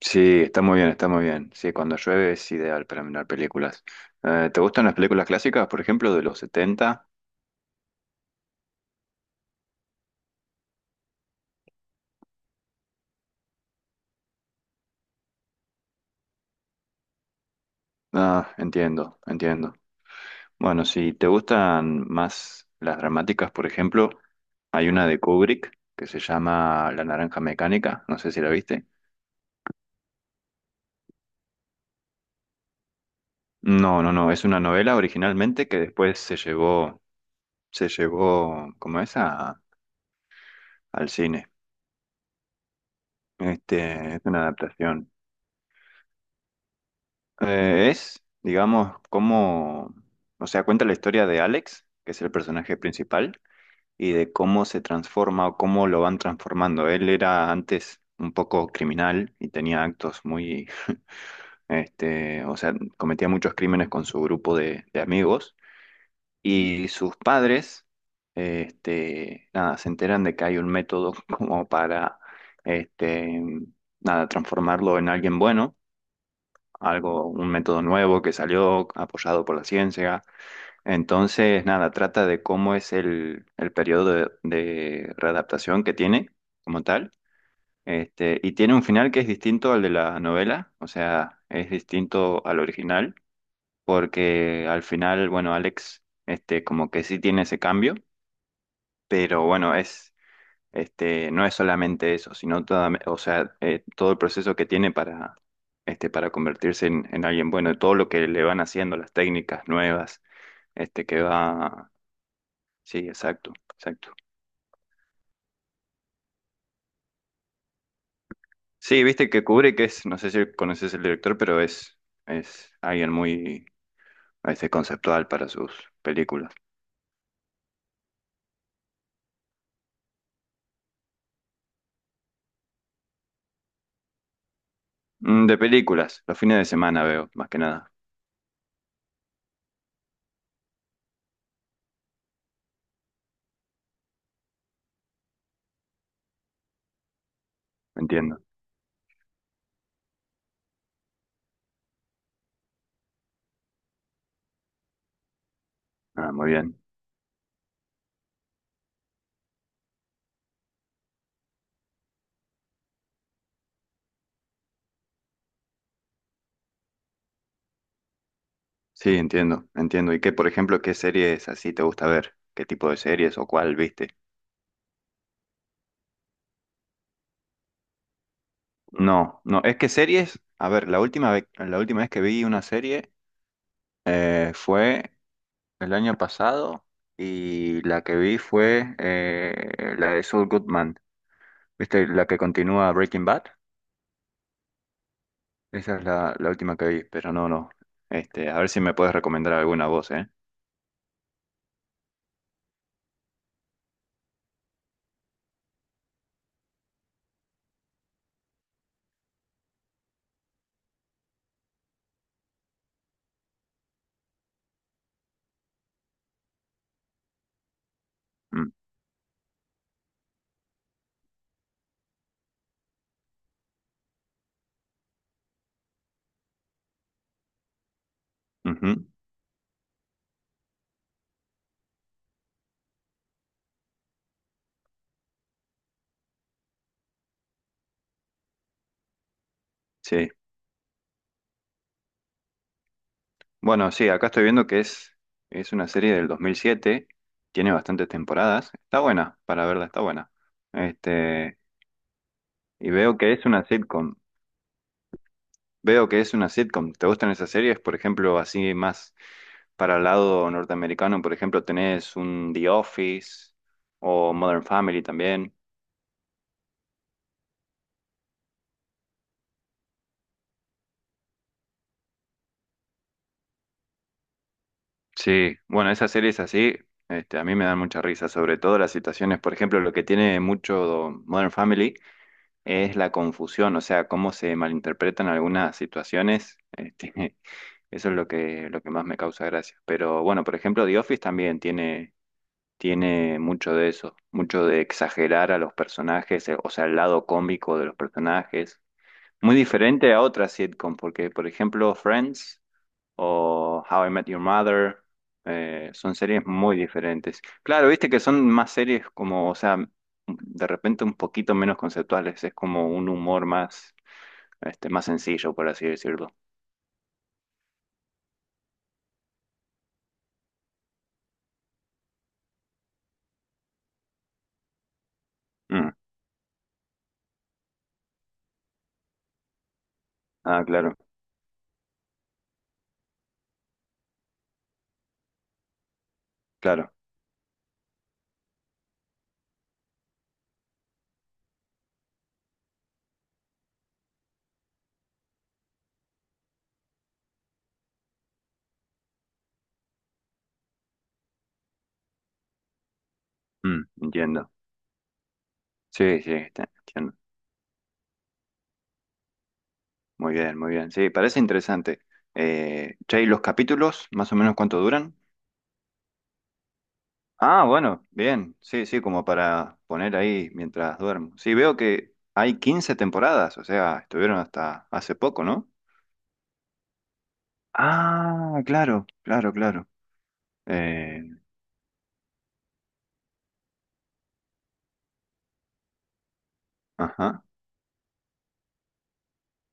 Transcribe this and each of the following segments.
Sí, está muy bien, está muy bien. Sí, cuando llueve es ideal para mirar películas. ¿Te gustan las películas clásicas, por ejemplo, de los setenta? Ah, entiendo, entiendo. Bueno, si te gustan más las dramáticas, por ejemplo, hay una de Kubrick que se llama La Naranja Mecánica, no sé si la viste. No, no, no, es una novela originalmente que después se llevó, ¿cómo es? Al cine. Este, es una adaptación. Es, digamos, como, o sea, cuenta la historia de Alex, que es el personaje principal, y de cómo se transforma o cómo lo van transformando. Él era antes un poco criminal y tenía actos muy, este, o sea, cometía muchos crímenes con su grupo de amigos. Y sus padres, este, nada, se enteran de que hay un método como para, este, nada, transformarlo en alguien bueno algo, un método nuevo que salió apoyado por la ciencia. Entonces, nada, trata de cómo es el periodo de readaptación que tiene como tal. Este, y tiene un final que es distinto al de la novela, o sea, es distinto al original, porque al final, bueno, Alex, este, como que sí tiene ese cambio, pero bueno, es este, no es solamente eso, sino toda, o sea, todo el proceso que tiene para, este, para convertirse en alguien bueno, y todo lo que le van haciendo, las técnicas nuevas, este, que va. Sí, exacto, exacto. Sí, viste que Kubrick es, no sé si conoces el director, pero es alguien muy a veces conceptual para sus películas. Mm, de películas, los fines de semana veo, más que nada. Entiendo. Ah, muy bien. Sí, entiendo, entiendo. ¿Y qué, por ejemplo, qué series así te gusta ver? ¿Qué tipo de series o cuál viste? No, no, es que series, a ver, la última vez que vi una serie fue el año pasado y la que vi fue la de Saul Goodman, ¿viste? La que continúa Breaking Bad, esa es la última que vi, pero no, no, este, a ver si me puedes recomendar alguna voz, ¿eh? Mm, ujú, sí, bueno, sí, acá estoy viendo que es una serie del 2007, tiene bastantes temporadas, está buena, para verla, está buena, este... Y veo que es una sitcom. Veo que es una sitcom. ¿Te gustan esas series? Por ejemplo, así más para el lado norteamericano, por ejemplo, tenés un The Office o Modern Family también. Sí, bueno, esas series así, este, a mí me dan mucha risa, sobre todo las situaciones, por ejemplo, lo que tiene mucho Modern Family es la confusión, o sea, cómo se malinterpretan algunas situaciones. Este, eso es lo que más me causa gracia. Pero bueno, por ejemplo, The Office también tiene mucho de eso, mucho de exagerar a los personajes, o sea, el lado cómico de los personajes. Muy diferente a otras sitcom, porque por ejemplo Friends o How I Met Your Mother son series muy diferentes. Claro, viste que son más series como, o sea, de repente un poquito menos conceptuales, es como un humor más, este, más sencillo, por así decirlo. Mm, ah, claro, claro. Mm, entiendo. Sí, sí, está- entiendo. Muy bien, muy bien. Sí, parece interesante. Che, ¿y los capítulos, más o menos cuánto duran? Ah, bueno, bien. Sí, sí, como para poner ahí mientras duermo. Sí, veo que hay 15 temporadas, o sea, estuvieron hasta hace poco, ¿no? Ah, claro, claro, claro. Eh, ajá.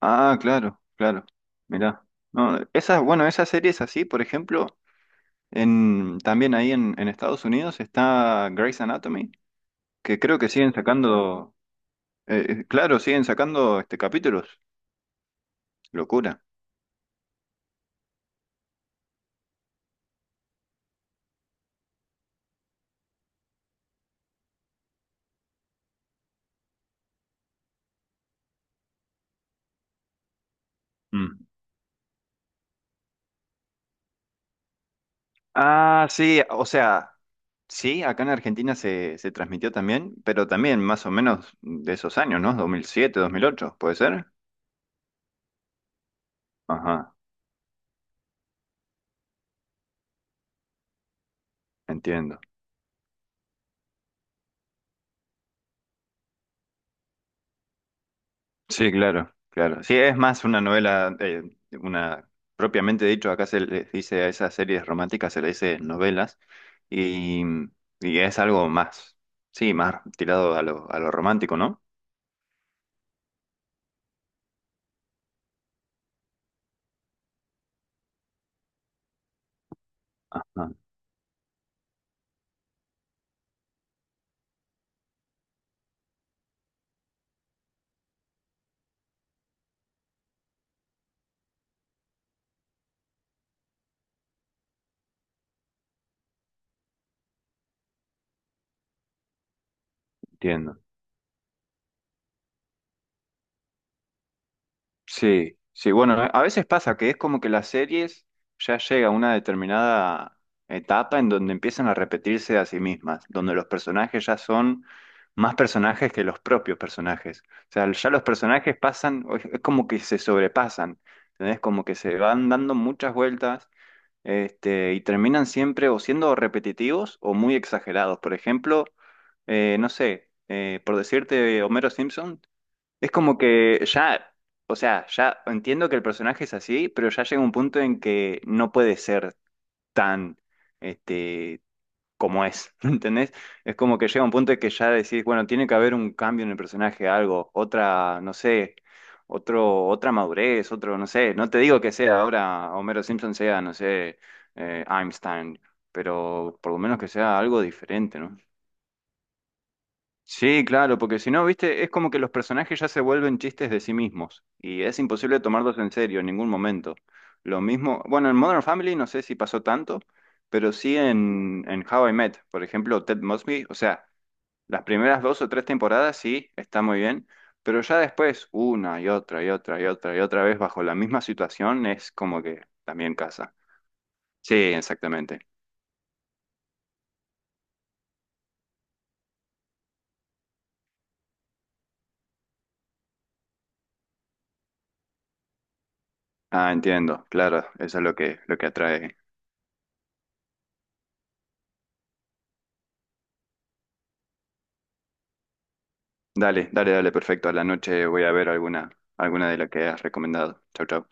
Ah, claro, claro. Mirá. No, esa, bueno, esa serie es así, por ejemplo, también ahí en Estados Unidos está Grey's Anatomy, que creo que siguen sacando. Claro, siguen sacando este capítulos. Locura. Mm. Ah, sí, o sea, sí, acá en, Argentina se transmitió también, pero también más o menos de esos años, ¿no? 2007, 2008, ¿puede ser? Ajá, entiendo. Sí, claro, claro. Sí, es más una novela, una, propiamente dicho, acá se les dice a esas series románticas, se le dice novelas, y, y es algo más, sí, más tirado a lo romántico, ¿no? Ajá, entiendo. Sí, sí, bueno, a veces pasa que es como que las series ya llega a una determinada etapa en donde empiezan a repetirse a sí mismas, donde los personajes ya son más personajes que los propios personajes. O sea, ya los personajes pasan, o es como que se sobrepasan, ¿entendés? Como que se van dando muchas vueltas, este, y terminan siempre o siendo repetitivos o muy exagerados. Por ejemplo, no sé, por decirte, Homero Simpson. Es como que ya, o sea, ya entiendo que el personaje es así, pero ya llega un punto en que no puede ser tan, este, como es, ¿entendés? Es como que llega un punto en que ya decís, bueno, tiene que haber un cambio en el personaje, algo, otra, no sé, otro, otra madurez, otro, no sé, no te digo que sea ahora Homero Simpson sea, no sé, Einstein, pero por lo menos que sea algo diferente, ¿no? Sí, claro, porque si no, viste, es como que los personajes ya se vuelven chistes de sí mismos y es imposible tomarlos en serio en ningún momento. Lo mismo, bueno, en Modern Family no sé si pasó tanto, pero sí en How I Met, por ejemplo, Ted Mosby, o sea, las primeras dos o tres temporadas sí, está muy bien, pero ya después, una y otra y otra y otra y otra vez bajo la misma situación, es como que también casa. Sí, exactamente. Ah, entiendo, claro, eso es lo que atrae. Dale, dale, dale, perfecto. A la noche voy a ver alguna, alguna de las que has recomendado. Chau, chau.